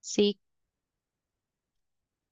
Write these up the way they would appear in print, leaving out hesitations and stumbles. Sí,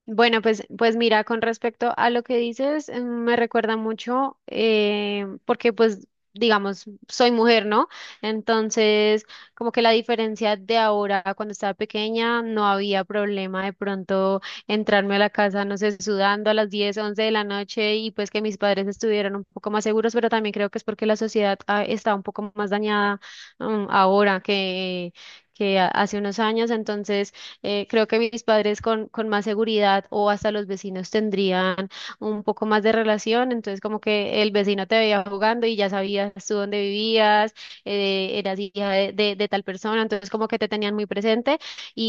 bueno, pues mira, con respecto a lo que dices, me recuerda mucho, porque pues, digamos, soy mujer, ¿no? Entonces, como que la diferencia de ahora a cuando estaba pequeña, no había problema de pronto entrarme a la casa, no sé, sudando a las 10, 11 de la noche, y pues que mis padres estuvieran un poco más seguros, pero también creo que es porque la sociedad está un poco más dañada ahora hace unos años. Entonces, creo que mis padres con más seguridad, o hasta los vecinos tendrían un poco más de relación, entonces como que el vecino te veía jugando y ya sabías tú dónde vivías, eras hija de tal persona, entonces como que te tenían muy presente. y,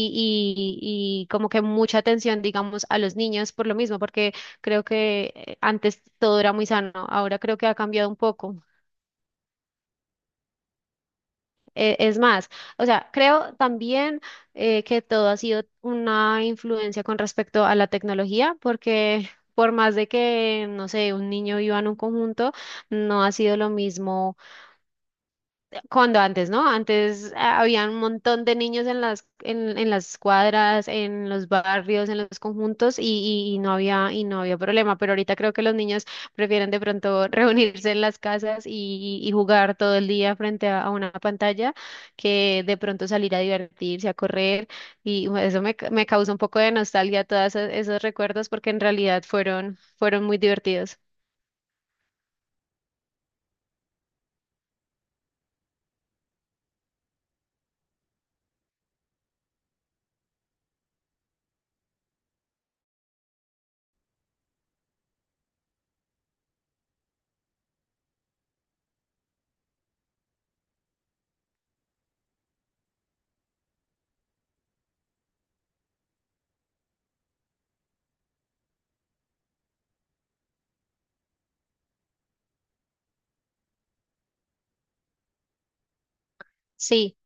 y, y como que mucha atención, digamos, a los niños, por lo mismo, porque creo que antes todo era muy sano, ahora creo que ha cambiado un poco. Es más, o sea, creo también que todo ha sido una influencia con respecto a la tecnología, porque por más de que, no sé, un niño viva en un conjunto, no ha sido lo mismo cuando antes, ¿no? Antes había un montón de niños en las, en las cuadras, en los barrios, en los conjuntos, y no había problema. Pero ahorita creo que los niños prefieren de pronto reunirse en las casas y jugar todo el día frente a una pantalla, que de pronto salir a divertirse, a correr. Y bueno, eso me, me causa un poco de nostalgia, todos esos, esos recuerdos, porque en realidad fueron, fueron muy divertidos. Sí.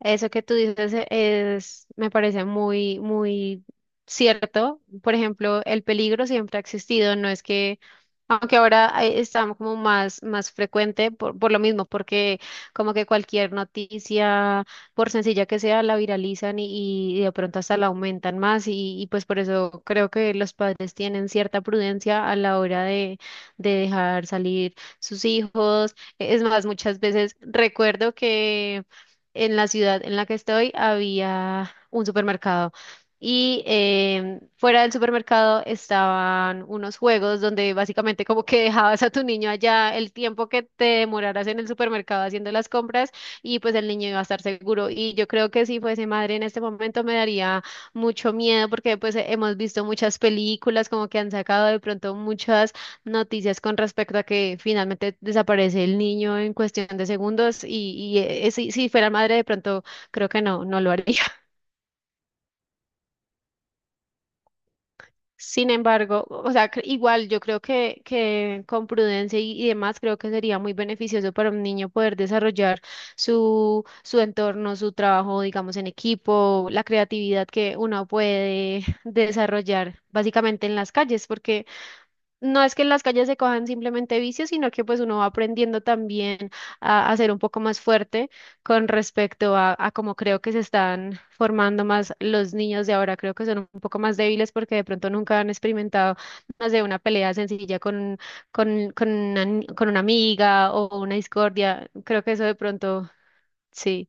Eso que tú dices es, me parece muy, muy cierto. Por ejemplo, el peligro siempre ha existido. No es que, aunque ahora está como más, más frecuente por lo mismo, porque como que cualquier noticia, por sencilla que sea, la viralizan y de pronto hasta la aumentan más, y pues por eso creo que los padres tienen cierta prudencia a la hora de dejar salir sus hijos. Es más, muchas veces recuerdo que en la ciudad en la que estoy había un supermercado. Y fuera del supermercado estaban unos juegos donde básicamente como que dejabas a tu niño allá el tiempo que te demoraras en el supermercado haciendo las compras, y pues el niño iba a estar seguro. Y yo creo que si fuese madre en este momento me daría mucho miedo, porque pues hemos visto muchas películas, como que han sacado de pronto muchas noticias con respecto a que finalmente desaparece el niño en cuestión de segundos. Si fuera madre, de pronto creo que no, no lo haría. Sin embargo, o sea, igual yo creo que con prudencia y demás, creo que sería muy beneficioso para un niño poder desarrollar su, su entorno, su trabajo, digamos, en equipo, la creatividad que uno puede desarrollar básicamente en las calles, porque no es que en las calles se cojan simplemente vicios, sino que pues uno va aprendiendo también a ser un poco más fuerte con respecto a cómo creo que se están formando más los niños de ahora. Creo que son un poco más débiles, porque de pronto nunca han experimentado más de una pelea sencilla con, con una, con una amiga, o una discordia. Creo que eso de pronto, sí,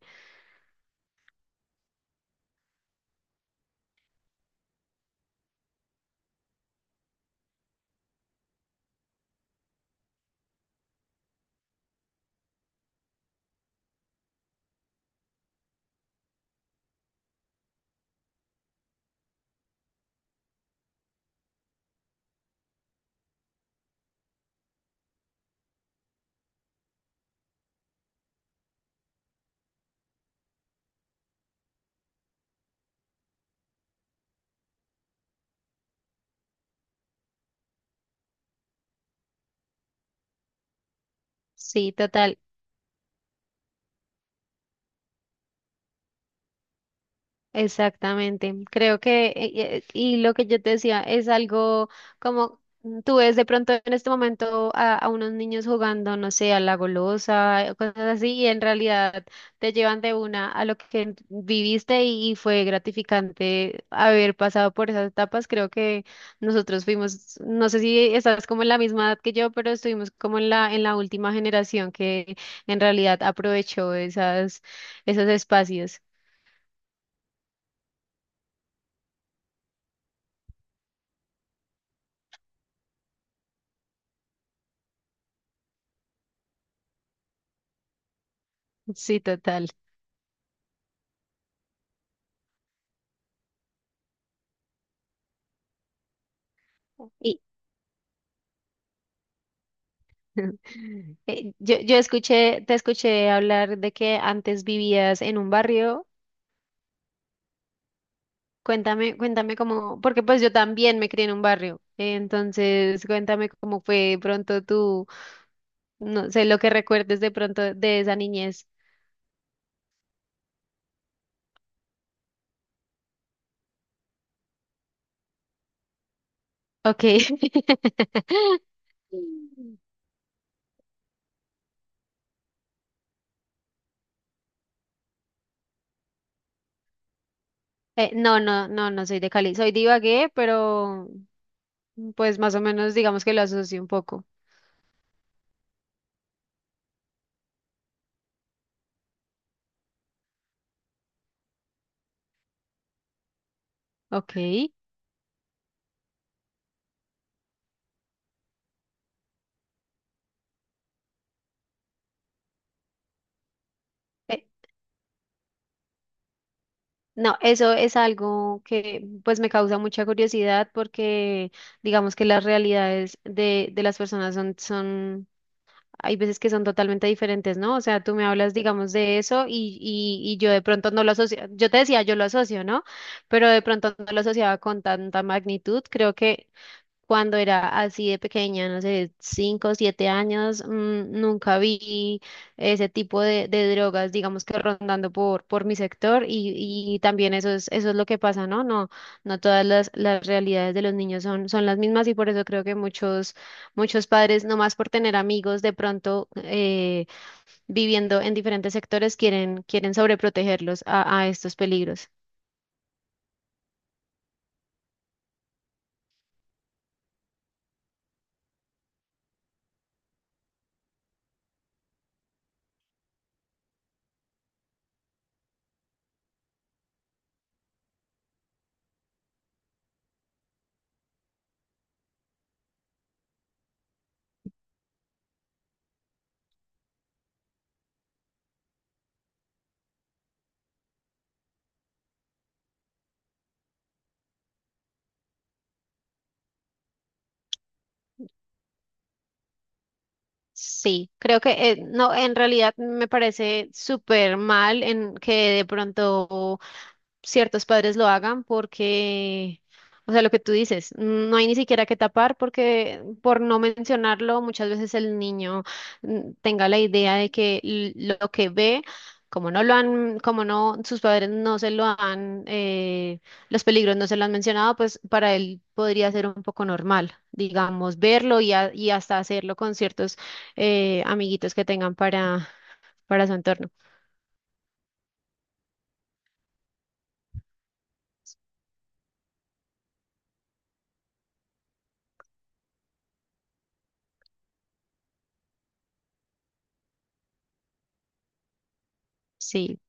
sí, total. Exactamente, creo que, y lo que yo te decía, es algo como, tú ves de pronto en este momento a unos niños jugando, no sé, a la golosa, cosas así, y en realidad te llevan de una a lo que viviste, y fue gratificante haber pasado por esas etapas. Creo que nosotros fuimos, no sé si estás como en la misma edad que yo, pero estuvimos como en la última generación que en realidad aprovechó esas, esos espacios. Sí, total. Y yo escuché, te escuché hablar de que antes vivías en un barrio. Cuéntame, cuéntame cómo, porque pues yo también me crié en un barrio. Entonces, cuéntame cómo fue de pronto tú, no sé, lo que recuerdes de pronto de esa niñez. Ok. No, no, no, no soy de Cali. Soy de Ibagué, pero pues más o menos digamos que lo asocio un poco. Ok. No, eso es algo que pues me causa mucha curiosidad, porque digamos que las realidades de las personas son, son, hay veces que son totalmente diferentes, ¿no? O sea, tú me hablas, digamos, de eso, y yo de pronto no lo asocio, yo te decía, yo lo asocio, ¿no? Pero de pronto no lo asociaba con tanta magnitud. Creo que cuando era así de pequeña, no sé, 5 o 7 años, nunca vi ese tipo de drogas, digamos que rondando por mi sector, y también eso es lo que pasa, ¿no? No, no todas las realidades de los niños son, son las mismas, y por eso creo que muchos, muchos padres, nomás por tener amigos de pronto viviendo en diferentes sectores, quieren, quieren sobreprotegerlos a estos peligros. Sí, creo que no, en realidad me parece súper mal en que de pronto ciertos padres lo hagan, porque, o sea, lo que tú dices, no hay ni siquiera que tapar, porque, por no mencionarlo, muchas veces el niño tenga la idea de que lo que ve, como no lo han, como no, sus padres no se lo han, los peligros no se lo han mencionado, pues para él podría ser un poco normal, digamos, verlo, y hasta hacerlo con ciertos amiguitos que tengan para su entorno. Sí.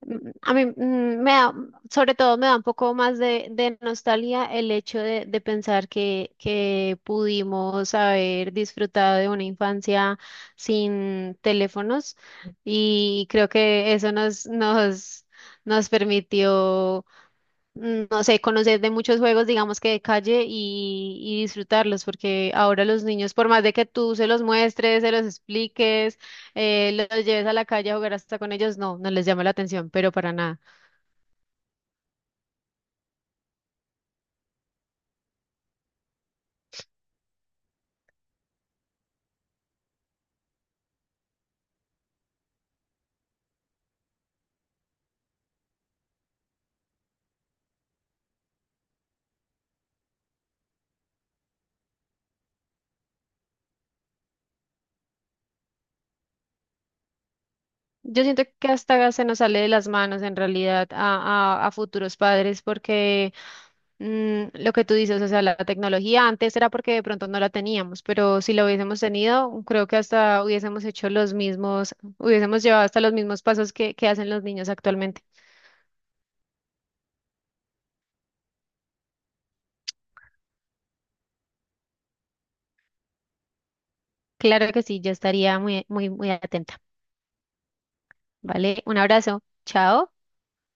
A mí me da, sobre todo me da un poco más de nostalgia, el hecho de pensar que pudimos haber disfrutado de una infancia sin teléfonos, y creo que eso nos, nos, nos permitió no sé, conocer de muchos juegos, digamos que de calle, y disfrutarlos, porque ahora los niños, por más de que tú se los muestres, se los expliques, los lleves a la calle a jugar hasta con ellos, no, no les llama la atención, pero para nada. Yo siento que hasta se nos sale de las manos en realidad a, a futuros padres, porque lo que tú dices, o sea, la tecnología antes era porque de pronto no la teníamos, pero si la hubiésemos tenido, creo que hasta hubiésemos hecho los mismos, hubiésemos llevado hasta los mismos pasos que hacen los niños actualmente. Claro que sí, yo estaría muy, muy, muy atenta. ¿Vale? Un abrazo. Chao.